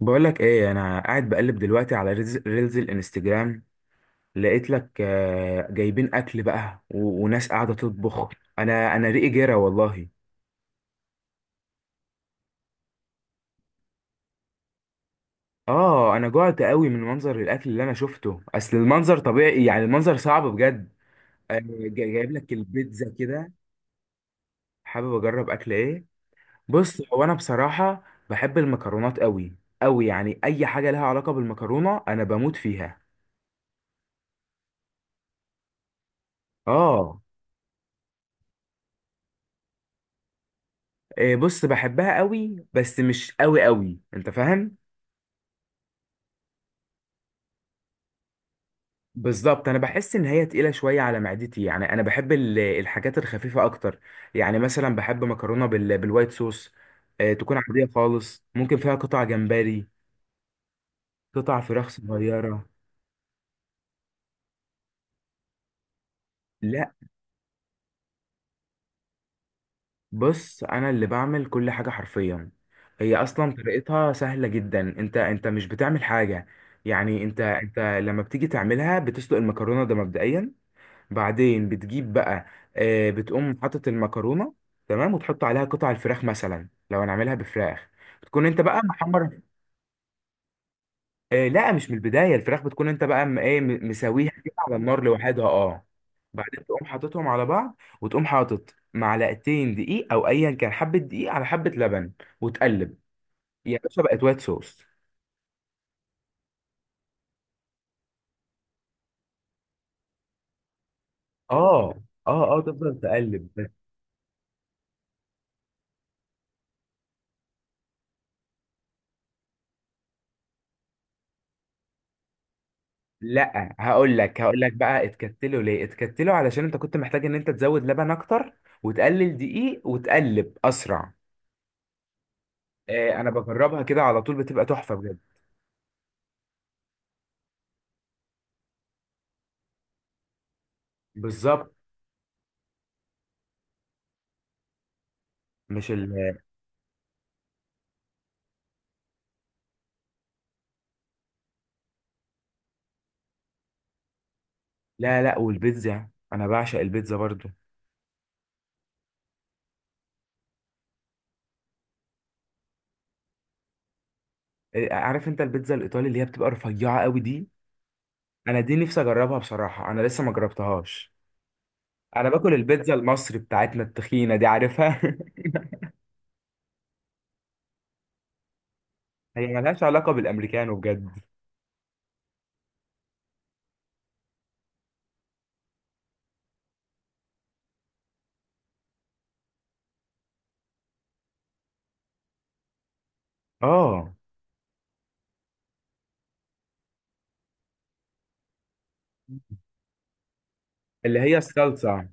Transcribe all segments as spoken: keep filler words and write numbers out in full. بقولك ايه؟ انا قاعد بقلب دلوقتي على ريلز, ريلز الانستجرام. لقيت لك، آه، جايبين اكل بقى و- وناس قاعده تطبخ. انا انا ريقي جرى والله. اه، انا جوعت قوي من منظر الاكل اللي انا شفته. اصل المنظر طبيعي، يعني المنظر صعب بجد. آه، جا- جايب لك البيتزا كده. حابب اجرب اكل ايه؟ بص، هو انا بصراحه بحب المكرونات قوي. قوي يعني، اي حاجه لها علاقه بالمكرونه انا بموت فيها. اه. إيه، بص بحبها قوي بس مش قوي قوي، انت فاهم. بالظبط. انا بحس ان هي تقيله شويه على معدتي، يعني انا بحب ال- الحاجات الخفيفه اكتر. يعني مثلا بحب مكرونه بال... بالوايت صوص. إيه، تكون عاديه خالص، ممكن فيها قطع جمبري، قطع فراخ صغيره. لا، بص انا اللي بعمل كل حاجه حرفيا. هي اصلا طريقتها سهله جدا، انت انت مش بتعمل حاجه. يعني انت انت لما بتيجي تعملها بتسلق المكرونه ده مبدئيا. بعدين بتجيب بقى، آه، بتقوم حاطط المكرونه، تمام، وتحط عليها قطع الفراخ مثلا لو هنعملها بفراخ. بتكون انت بقى محمر. آه، لا، مش من البدايه. الفراخ بتكون انت بقى م- ايه م- مسويها كده على النار لوحدها، اه. بعدين تقوم حاططهم على بعض، وتقوم حاطط معلقتين دقيق، او ايا كان، حبه دقيق على حبه لبن، وتقلب. يا باشا، بقت وايت صوص. اه اه اه، تفضل تقلب. لا، هقول لك هقول لك بقى، اتكتلوا ليه؟ اتكتلوا علشان انت كنت محتاج ان انت تزود لبن اكتر وتقلل دقيق وتقلب اسرع. اه، انا بجربها كده على طول، بتبقى تحفة بجد. بالظبط. مش ال. لا لا، والبيتزا انا بعشق البيتزا برضو. آه، عارف انت البيتزا الايطالي اللي هي بتبقى رفيعة قوي دي؟ انا دي نفسي اجربها بصراحة، انا لسه ما جربتهاش. انا باكل البيتزا المصري بتاعتنا التخينة دي، عارفها. هي ملهاش علاقة بالامريكانو بجد. اه، اللي هي الصلصة.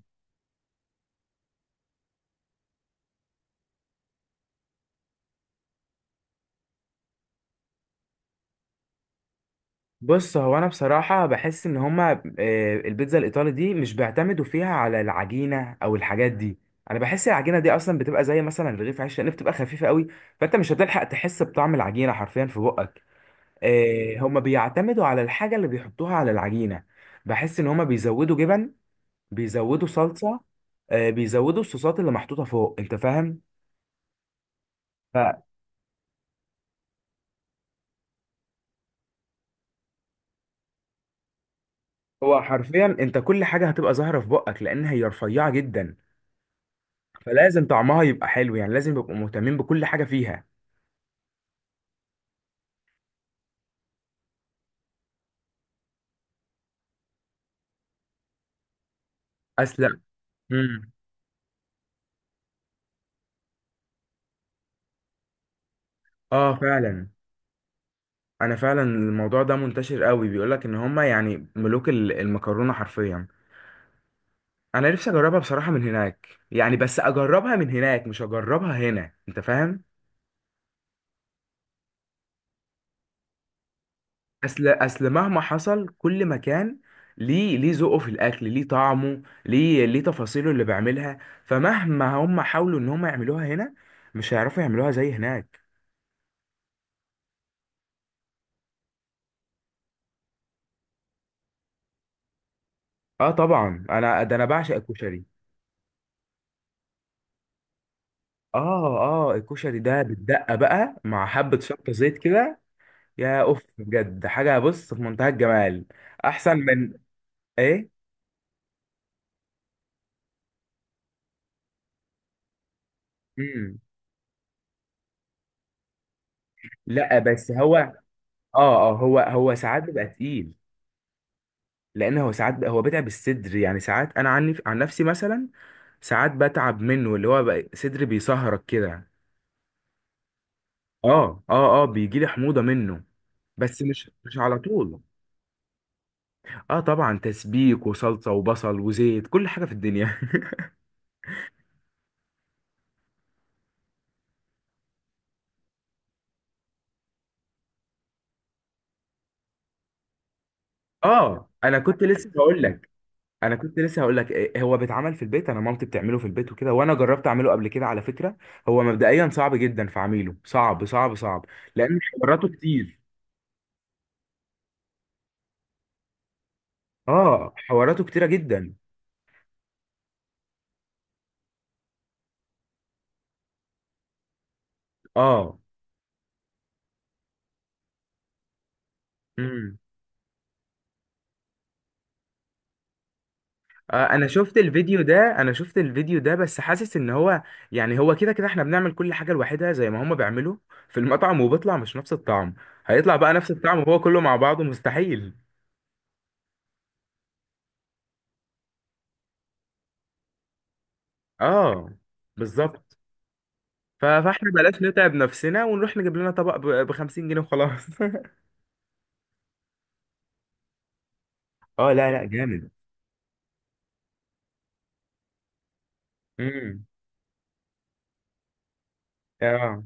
بص، هو انا بصراحه بحس ان هما، آه، البيتزا الايطالي دي مش بيعتمدوا فيها على العجينه او الحاجات دي. انا بحس العجينه دي اصلا بتبقى زي مثلا رغيف عيش، لان بتبقى خفيفه قوي، فانت مش هتلحق تحس بطعم العجينه حرفيا في بقك. آه، هما بيعتمدوا على الحاجه اللي بيحطوها على العجينه. بحس ان هما بيزودوا جبن، بيزودوا صلصه، آه، بيزودوا الصوصات اللي محطوطه فوق، انت فاهم. فهو حرفيا انت كل حاجه هتبقى ظاهره في بقك، لان هي رفيعه جدا، فلازم طعمها يبقى حلو، يعني لازم يبقوا مهتمين بكل حاجة فيها. أسلم. امم. اه، فعلا. انا فعلا الموضوع ده منتشر قوي، بيقولك ان هما يعني ملوك ال- المكرونة حرفيا. انا نفسي اجربها بصراحة من هناك، يعني بس اجربها من هناك مش اجربها هنا، انت فاهم. اصل اصل مهما حصل، كل مكان ليه ليه ذوقه في الاكل، ليه طعمه، ليه ليه تفاصيله اللي بيعملها. فمهما هم حاولوا ان هم يعملوها هنا، مش هيعرفوا يعملوها زي هناك. اه طبعا، انا ده انا بعشق الكشري. اه اه، الكشري ده بالدقه بقى، مع حبه شطه، زيت كده، يا اوف بجد، حاجه، بص، في منتهى الجمال. احسن من. ايه؟ امم. لا، بس هو اه اه، هو هو ساعات بيبقى تقيل. لان هو ساعات بقى- هو بيتعب الصدر. يعني ساعات، انا عني عن نفسي مثلا، ساعات بتعب منه، اللي هو بقى صدري بيسهرك كده. اه اه اه، بيجي لي حموضه منه. بس مش مش على طول. اه طبعا، تسبيك وصلصه وبصل وزيت، كل حاجه في الدنيا. اه، انا كنت لسه هقول لك. انا كنت لسه هقول لك، إيه، هو بيتعمل في البيت. انا مامتي بتعمله في البيت وكده، وانا جربت اعمله قبل كده على فكره. هو مبدئيا صعب جدا في عميله، صعب صعب صعب، لان حواراته كتير. اه، حواراته كتيره جدا. اه. امم. آه، انا شفت الفيديو ده انا شفت الفيديو ده بس حاسس ان هو، يعني هو كده كده احنا بنعمل كل حاجه لوحدها زي ما هما بيعملوا في المطعم، وبيطلع مش نفس الطعم. هيطلع بقى نفس الطعم وهو كله مع بعضه؟ مستحيل. اه، بالظبط. ف- فاحنا بلاش نتعب نفسنا ونروح نجيب لنا طبق ب خمسين جنيه وخلاص. اه لا لا، جامد. امم. اه.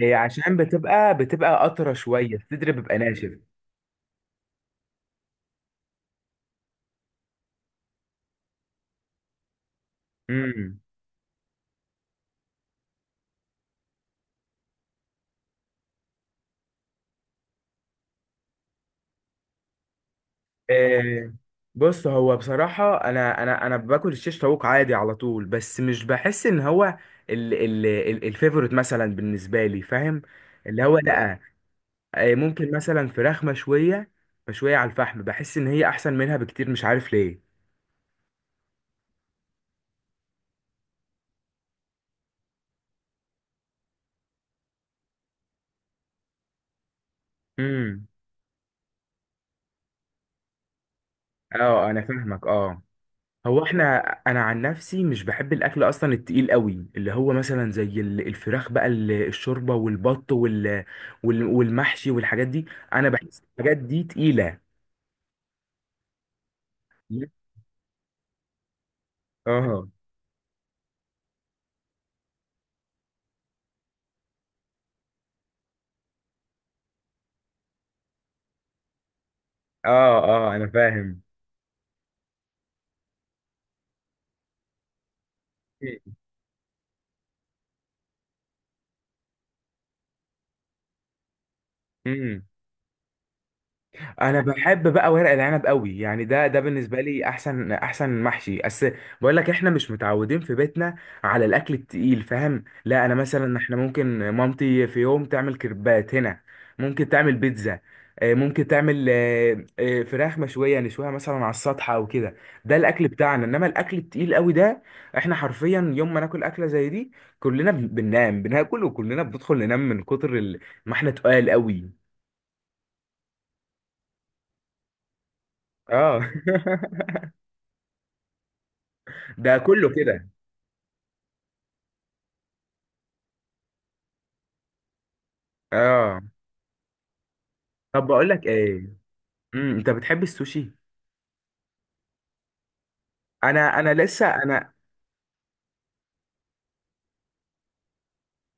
إيه، عشان بتبقى بتبقى قطرة شوية، الصدر بيبقى ناشف. امم. إيه، بص، هو بصراحة أنا أنا أنا باكل الشيش طاووق عادي على طول، بس مش بحس إن هو ال ال ال الفيفوريت مثلا بالنسبة لي، فاهم؟ اللي هو لأ. آه، ممكن مثلا فراخ مشوية، مشوية على الفحم، بحس إن هي أحسن منها بكتير، مش عارف ليه. امم. اه انا فاهمك، اه. هو احنا. انا عن نفسي مش بحب الاكل اصلا التقيل قوي، اللي هو مثلا زي ال- الفراخ بقى، ال- الشوربه والبط وال وال- والمحشي والحاجات دي. انا بحس الحاجات دي تقيله. اه اه اه، انا فاهم. مم. انا بحب بقى ورق العنب قوي، يعني ده ده بالنسبه لي احسن احسن محشي، بس بقول لك احنا مش متعودين في بيتنا على الاكل التقيل، فاهم. لا، انا مثلا، احنا ممكن مامتي في يوم تعمل كريبات هنا، ممكن تعمل بيتزا، آه، ممكن تعمل، آه، آه، فراخ مشويه، نشويها مثلا على السطح او كده. ده الاكل بتاعنا، انما الاكل التقيل قوي ده، احنا حرفيا يوم ما ناكل اكله زي دي، كلنا بن- بننام بناكل، وكلنا بندخل ننام من كتر ال-، ما احنا تقال قوي. اه. ده كله كده. اه. طب بقول لك ايه، امم انت بتحب السوشي؟ انا انا لسه انا.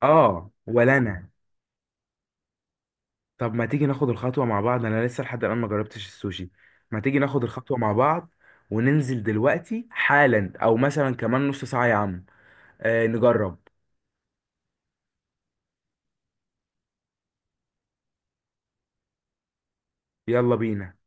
اه، ولا انا. طب ما تيجي ناخد الخطوه مع بعض؟ انا لسه لحد الان ما جربتش السوشي. ما تيجي ناخد الخطوه مع بعض وننزل دلوقتي حالا، او مثلا كمان نص ساعه، يا عم؟ آه، نجرب. يلا بينا.